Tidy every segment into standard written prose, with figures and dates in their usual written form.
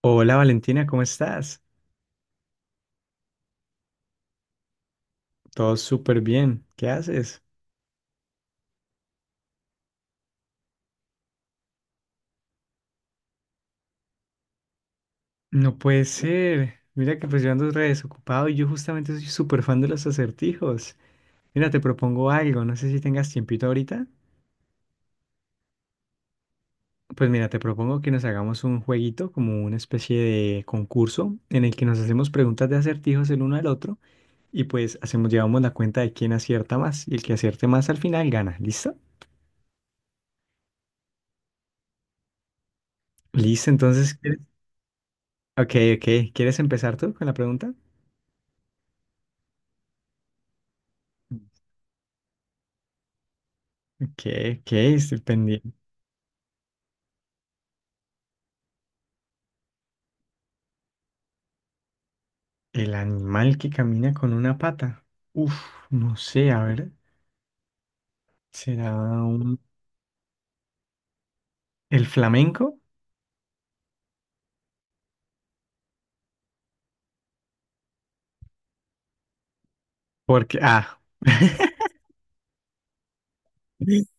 Hola Valentina, ¿cómo estás? Todo súper bien. ¿Qué haces? No puede ser. Mira que pues yo ando re desocupado y yo justamente soy súper fan de los acertijos. Mira, te propongo algo. No sé si tengas tiempito ahorita. Pues mira, te propongo que nos hagamos un jueguito, como una especie de concurso en el que nos hacemos preguntas de acertijos el uno al otro y pues hacemos, llevamos la cuenta de quién acierta más y el que acierte más al final gana. ¿Listo? Listo, entonces, ¿quieres? Ok, ok. ¿Quieres empezar tú con la pregunta? ¿Qué? ¿Qué? Estoy pendiente. El animal que camina con una pata. Uf, no sé, a ver. ¿Será un... el flamenco? Porque,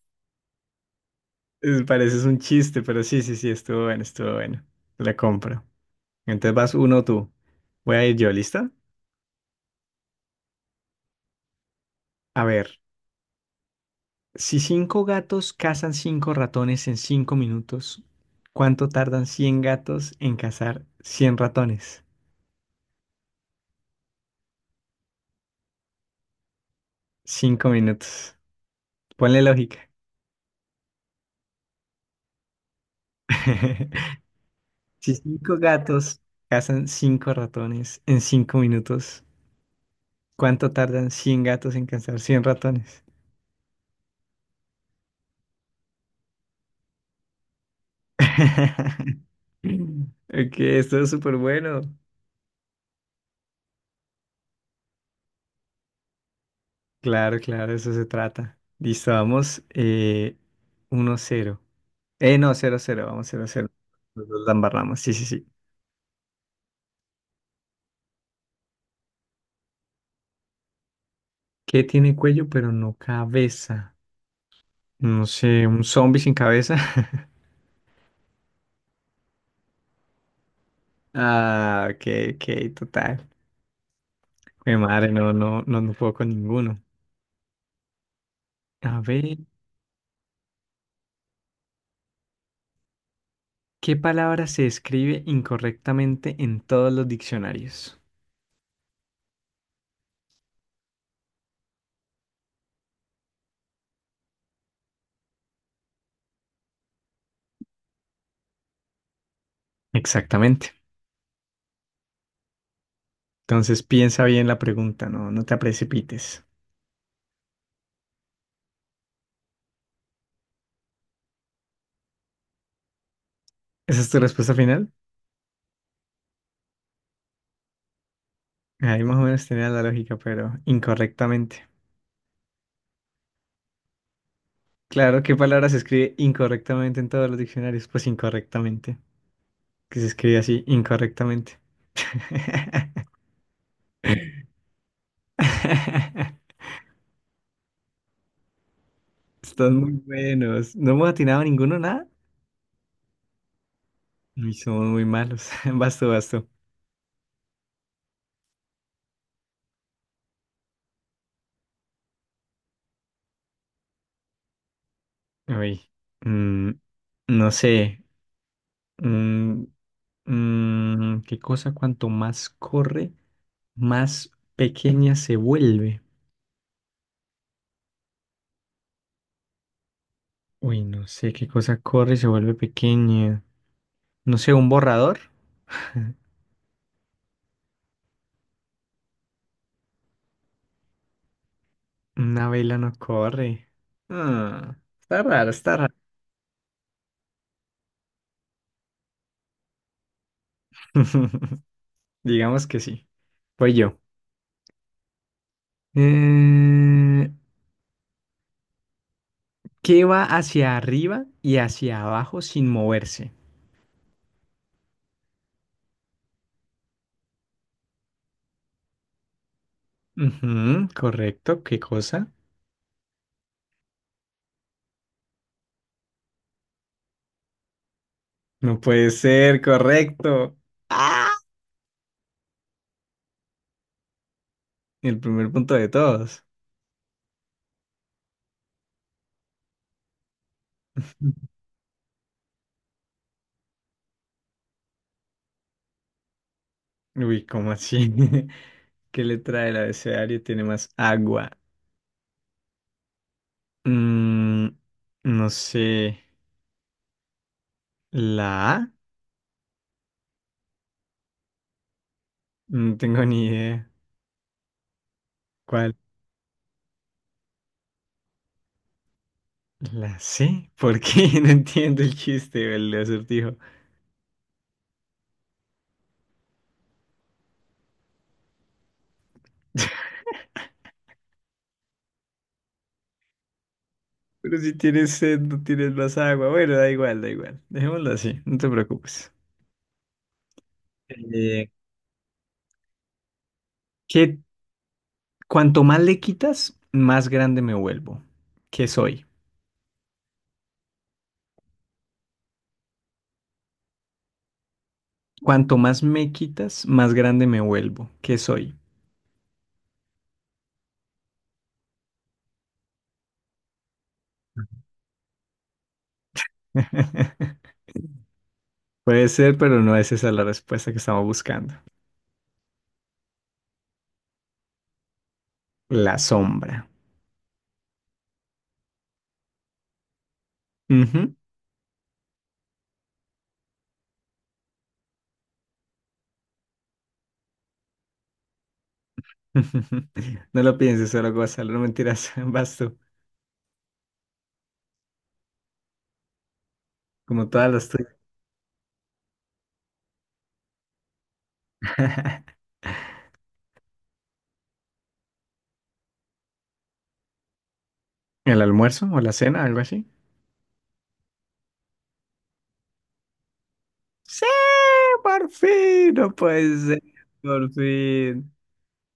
pareces un chiste, pero sí, sí, sí, estuvo bueno, estuvo bueno. La compro. Entonces vas uno tú. Voy a ir yo, ¿lista? A ver, si cinco gatos cazan cinco ratones en 5 minutos, ¿cuánto tardan 100 gatos en cazar 100 ratones? 5 minutos. Ponle lógica. Si cinco gatos cazan cinco ratones en cinco minutos, ¿cuánto tardan 100 gatos en cazar 100 ratones? Ok, esto es súper bueno. Claro, claro, eso se trata. Listo, vamos 1-0. No, 0-0, vamos 0-0. Los dos la embarramos, sí, sí, sí. ¿Qué tiene cuello pero no cabeza? No sé, un zombie sin cabeza. Ah, ok, ok, total. Mi madre, no, no, no, no puedo con ninguno. A ver. ¿Qué palabra se escribe incorrectamente en todos los diccionarios? Exactamente. Entonces piensa bien la pregunta, no, no te precipites. ¿Esa es tu respuesta final? Ahí más o menos tenía la lógica, pero incorrectamente. Claro, ¿qué palabra se escribe incorrectamente en todos los diccionarios? Pues incorrectamente. Que se escribe así, incorrectamente. Están muy buenos. ¿No hemos atinado ninguno, nada? Y somos muy malos. Basto, basto. Uy. mm, no sé. Mm, ¿qué cosa cuanto más corre, más pequeña se vuelve? Uy, no sé qué cosa corre y se vuelve pequeña. No sé, un borrador. Una vela no corre. Ah, está raro, está raro. Digamos que sí. Pues yo. Eh, ¿qué va hacia arriba y hacia abajo sin moverse? Ujú, correcto, ¿qué cosa? No puede ser, correcto. ¡Ah! El primer punto de todos. Uy, ¿cómo así? ¿Qué letra del abecedario tiene más agua? Mm, no sé. ¿La A? No tengo ni idea. ¿Cuál? ¿La C? ¿Por qué? No entiendo el chiste o el acertijo. Pero si tienes sed, no tienes más agua. Bueno, da igual, da igual. Dejémoslo así, no te preocupes. Eh, ¿qué- Cuanto más le quitas, más grande me vuelvo. ¿Qué soy? Cuanto más me quitas, más grande me vuelvo. ¿Qué soy? Puede ser, pero no es esa la respuesta que estamos buscando. La sombra. Ujú. No lo pienses solo, Gonzalo, no mentiras. Vas tú, como todas las tuyas. ¿El almuerzo o la cena, algo así? Sí, por fin, no puede ser, por fin.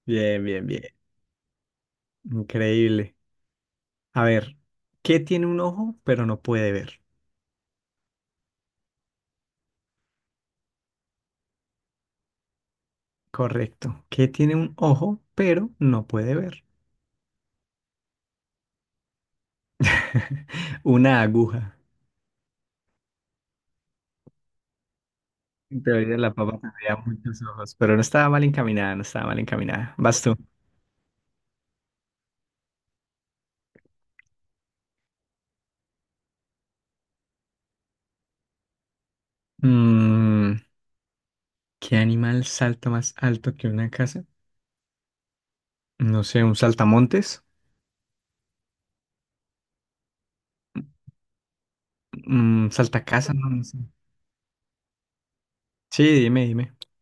Bien, bien, bien. Increíble. A ver, ¿qué tiene un ojo pero no puede ver? Correcto. ¿Qué tiene un ojo pero no puede ver? Una aguja. En teoría la papa tendría muchos ojos, pero no estaba mal encaminada, no estaba mal encaminada. Vas tú. Mm, ¿qué animal salta más alto que una casa? No sé, un saltamontes, un saltacasa, no, no sé. Sí, dime, dime.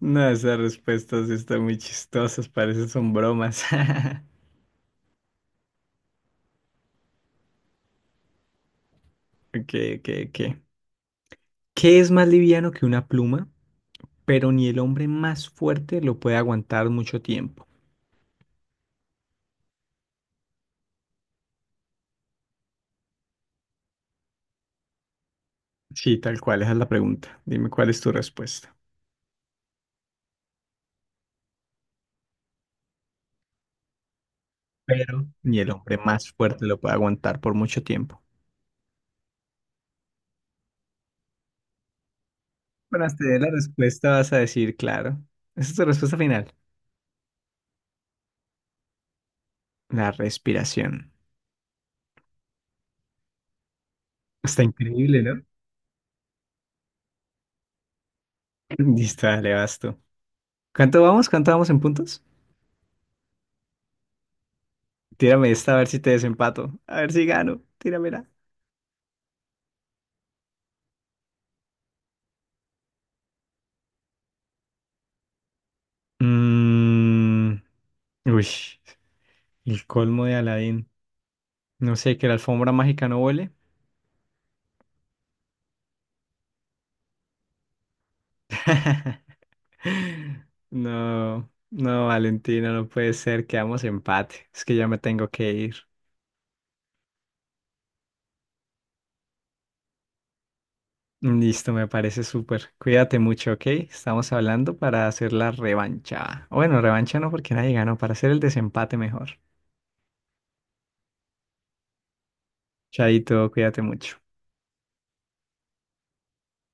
No, esas respuestas sí están muy chistosas, parecen son bromas. Ok, ok, ok. ¿Qué es más liviano que una pluma, pero ni el hombre más fuerte lo puede aguantar mucho tiempo? Sí, tal cual, esa es la pregunta. Dime cuál es tu respuesta. Pero ni el hombre más fuerte lo puede aguantar por mucho tiempo. Cuando te dé la respuesta vas a decir, claro. Esa es tu respuesta final. La respiración. Está increíble, ¿no? Listo, dale, vas tú. ¿Cuánto vamos? ¿Cuánto vamos en puntos? Tírame esta a ver si te desempato. A ver si gano. Tíramela. Mm, uy, el colmo de Aladín. No sé, que la alfombra mágica no huele. No, no, Valentina, no puede ser, quedamos empate. Es que ya me tengo que ir. Listo, me parece súper. Cuídate mucho, ¿ok? Estamos hablando para hacer la revancha. O bueno, revancha no porque nadie ganó, para hacer el desempate mejor. Chaito, cuídate mucho.